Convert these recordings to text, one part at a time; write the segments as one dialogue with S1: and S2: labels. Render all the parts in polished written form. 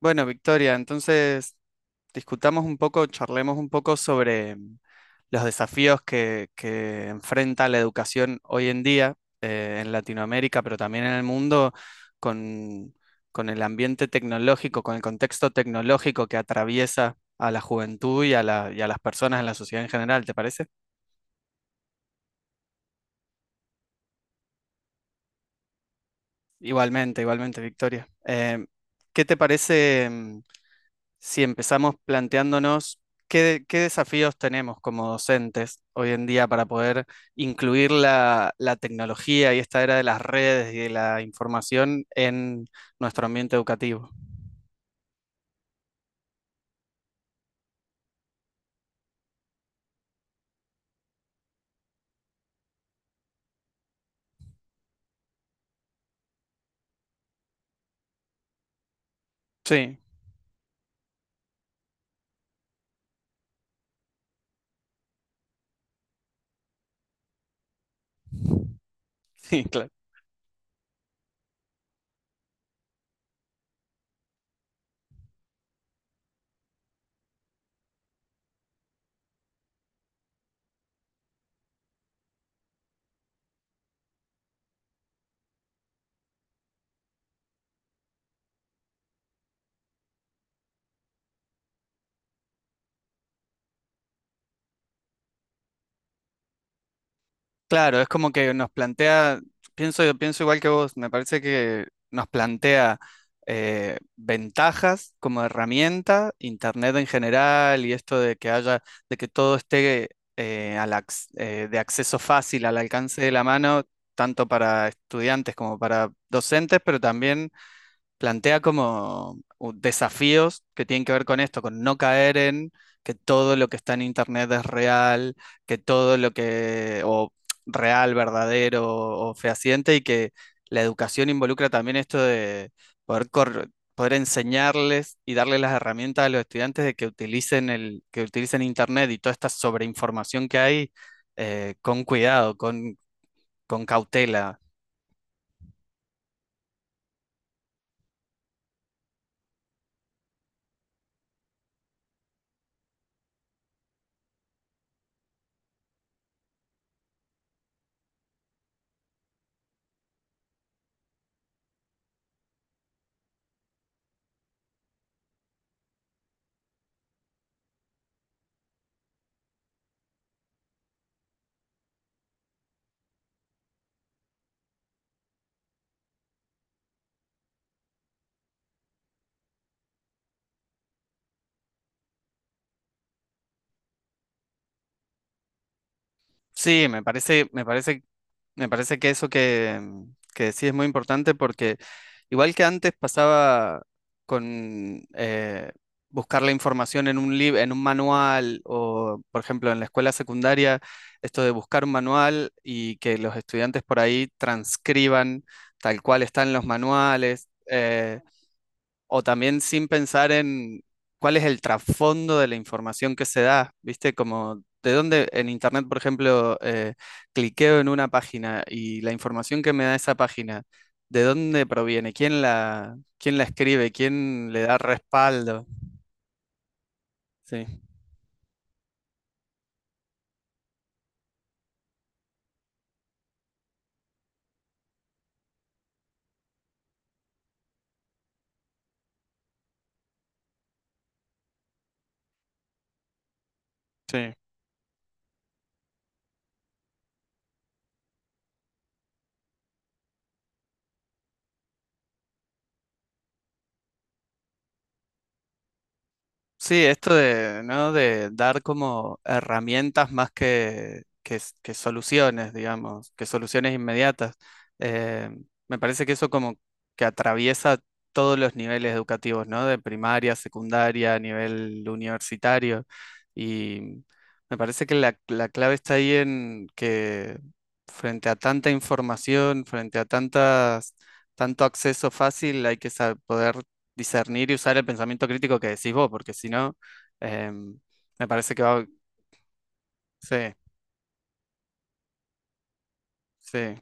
S1: Bueno, Victoria, entonces discutamos un poco, charlemos un poco sobre los desafíos que enfrenta la educación hoy en día en Latinoamérica, pero también en el mundo, con, con el ambiente tecnológico, con el contexto tecnológico que atraviesa a la juventud y a y a las personas en la sociedad en general, ¿te parece? Igualmente, igualmente, Victoria. ¿Qué te parece? Si empezamos planteándonos qué desafíos tenemos como docentes hoy en día para poder incluir la tecnología y esta era de las redes y de la información en nuestro ambiente educativo. Sí, sí, claro. Claro, es como que nos plantea, pienso, pienso igual que vos, me parece que nos plantea ventajas como herramienta, internet en general y esto de que haya, de que todo esté de acceso fácil, al alcance de la mano, tanto para estudiantes como para docentes, pero también plantea como desafíos que tienen que ver con esto, con no caer en que todo lo que está en internet es real, que todo lo que, o real, verdadero o fehaciente, y que la educación involucra también esto de poder enseñarles y darles las herramientas a los estudiantes de que utilicen que utilicen internet y toda esta sobreinformación que hay con cuidado, con cautela. Sí, me parece que eso que, que sí es muy importante porque igual que antes pasaba con buscar la información en un en un manual o, por ejemplo, en la escuela secundaria, esto de buscar un manual y que los estudiantes por ahí transcriban tal cual están los manuales. O también sin pensar en cuál es el trasfondo de la información que se da, ¿viste? Como de dónde en Internet, por ejemplo, cliqueo en una página y la información que me da esa página, ¿de dónde proviene? Quién la escribe? ¿Quién le da respaldo? Sí, sí. Sí, esto de, ¿no? De dar como herramientas más que, que soluciones, digamos, que soluciones inmediatas. Eh, Me parece que eso como que atraviesa todos los niveles educativos, ¿no? De primaria, secundaria, nivel universitario. Y me parece que la clave está ahí en que frente a tanta información, frente a tantas, tanto acceso fácil, hay que poder discernir y usar el pensamiento crítico que decís vos, porque si no, eh, me parece que va... Sí, sí,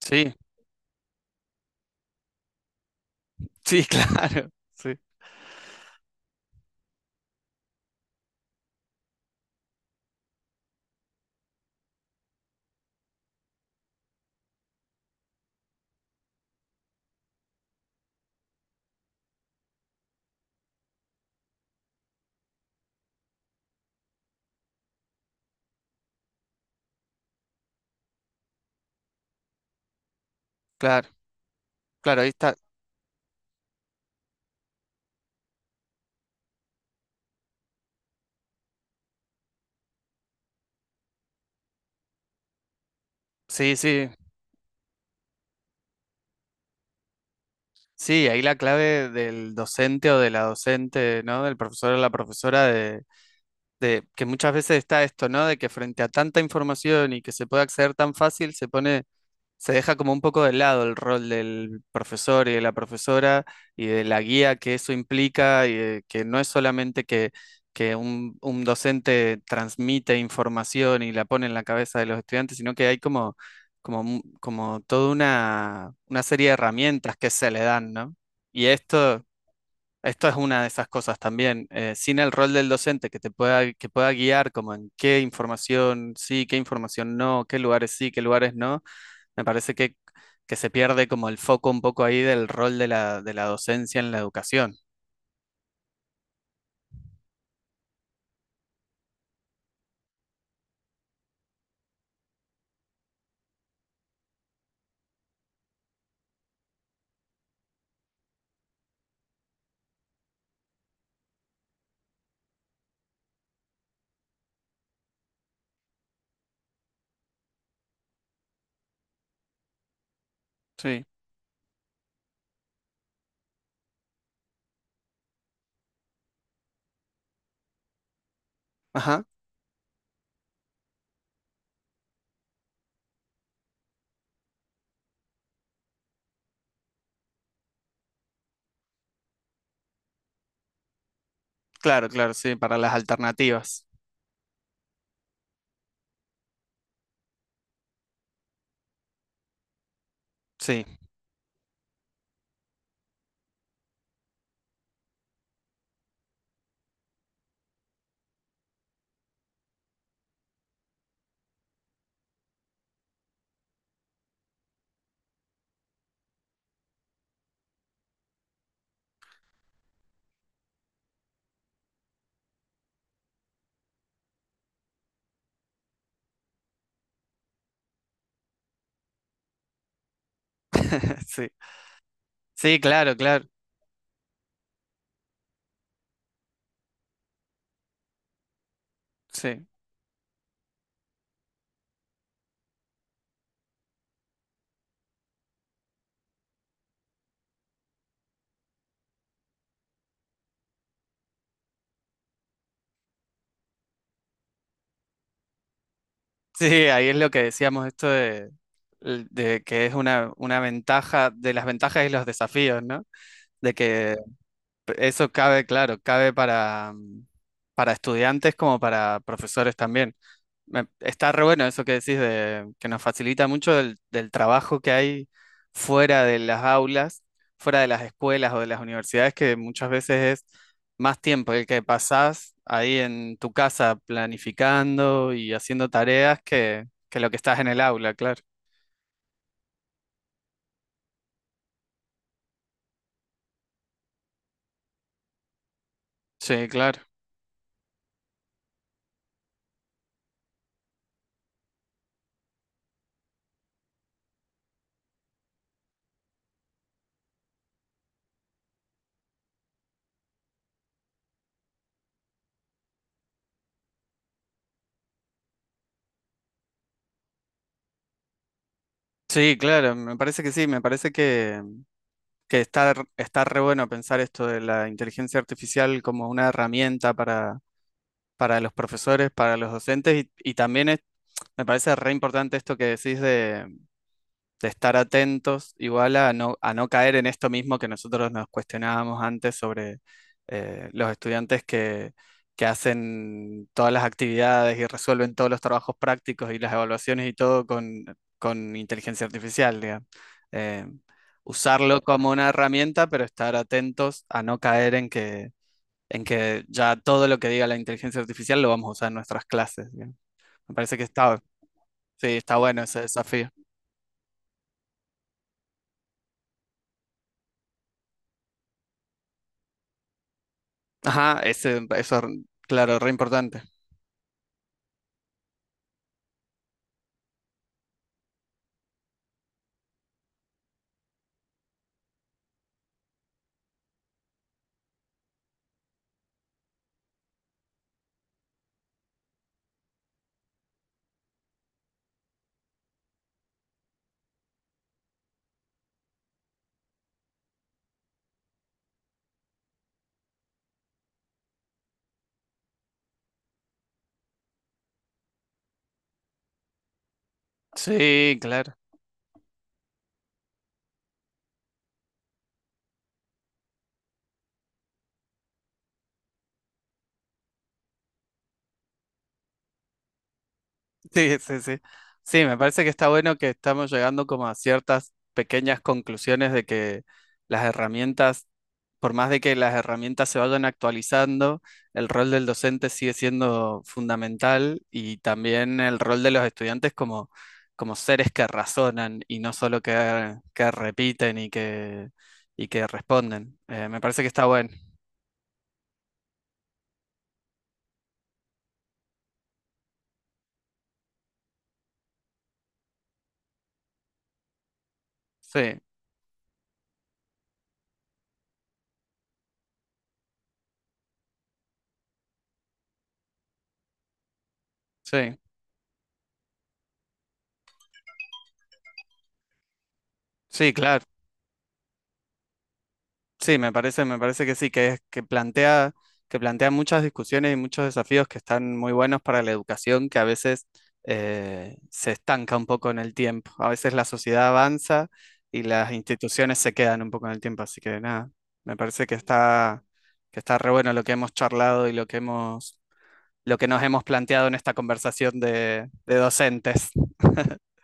S1: sí, sí, claro, sí, claro, claro, ahí está. Sí, sí, sí, ahí la clave del docente o de la docente, ¿no? Del profesor o la profesora de... De que muchas veces está esto, ¿no? De que frente a tanta información y que se puede acceder tan fácil, se pone se deja como un poco de lado el rol del profesor y de la profesora y de la guía que eso implica, y de que no es solamente que un docente transmite información y la pone en la cabeza de los estudiantes, sino que hay como, como, como toda una serie de herramientas que se le dan, ¿no? Y esto es una de esas cosas también. Sin el rol del docente que te pueda, que pueda guiar como en qué información sí, qué información no, qué lugares sí, qué lugares no me parece que se pierde como el foco un poco ahí del rol de la docencia en la educación. Sí. Ajá. Claro, claro, sí, para las alternativas. Sí, sí. Sí, claro, claro. Sí. Sí, ahí es lo que decíamos, esto de que es una ventaja, de las ventajas y los desafíos, ¿no? De que eso cabe, claro, cabe para, para estudiantes como para profesores también. Está re bueno eso que decís de que nos facilita mucho del, del trabajo que hay fuera de las aulas, fuera de las escuelas o de las universidades, que muchas veces es más tiempo el que pasás ahí en tu casa planificando y haciendo tareas que lo que estás en el aula, claro. Sí, claro. Sí, claro, me parece que sí, me parece que está, está re bueno pensar esto de la inteligencia artificial como una herramienta para los profesores, para los docentes y también es me parece re importante esto que decís de estar atentos, igual a no caer en esto mismo que nosotros nos cuestionábamos antes sobre los estudiantes que hacen todas las actividades y resuelven todos los trabajos prácticos y las evaluaciones y todo con inteligencia artificial, digamos. Eh, Usarlo como una herramienta, pero estar atentos a no caer en que ya todo lo que diga la inteligencia artificial lo vamos a usar en nuestras clases, digamos. Me parece que está, sí, está bueno ese desafío. Ajá, ese, eso, claro, re importante. Sí, claro. Sí, sí, sí. Sí, me parece que está bueno que estamos llegando como a ciertas pequeñas conclusiones de que las herramientas, por más de que las herramientas se vayan actualizando, el rol del docente sigue siendo fundamental y también el rol de los estudiantes como, como seres que razonan y no solo que repiten y que responden. Me parece que está bueno. Sí. Sí, sí, claro. Sí, me parece que sí, que es, que plantea muchas discusiones y muchos desafíos que están muy buenos para la educación, que a veces se estanca un poco en el tiempo. A veces la sociedad avanza y las instituciones se quedan un poco en el tiempo. Así que nada, me parece que está re bueno lo que hemos charlado y lo que hemos, lo que nos hemos planteado en esta conversación de docentes.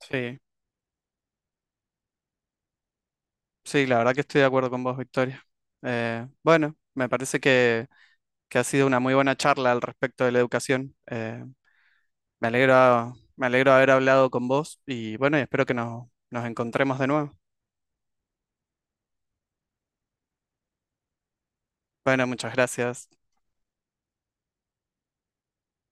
S1: Sí. Sí, la verdad que estoy de acuerdo con vos, Victoria. Bueno, me parece que ha sido una muy buena charla al respecto de la educación. Me alegro, me alegro de haber hablado con vos y bueno, y espero que nos, nos encontremos de nuevo. Bueno, muchas gracias.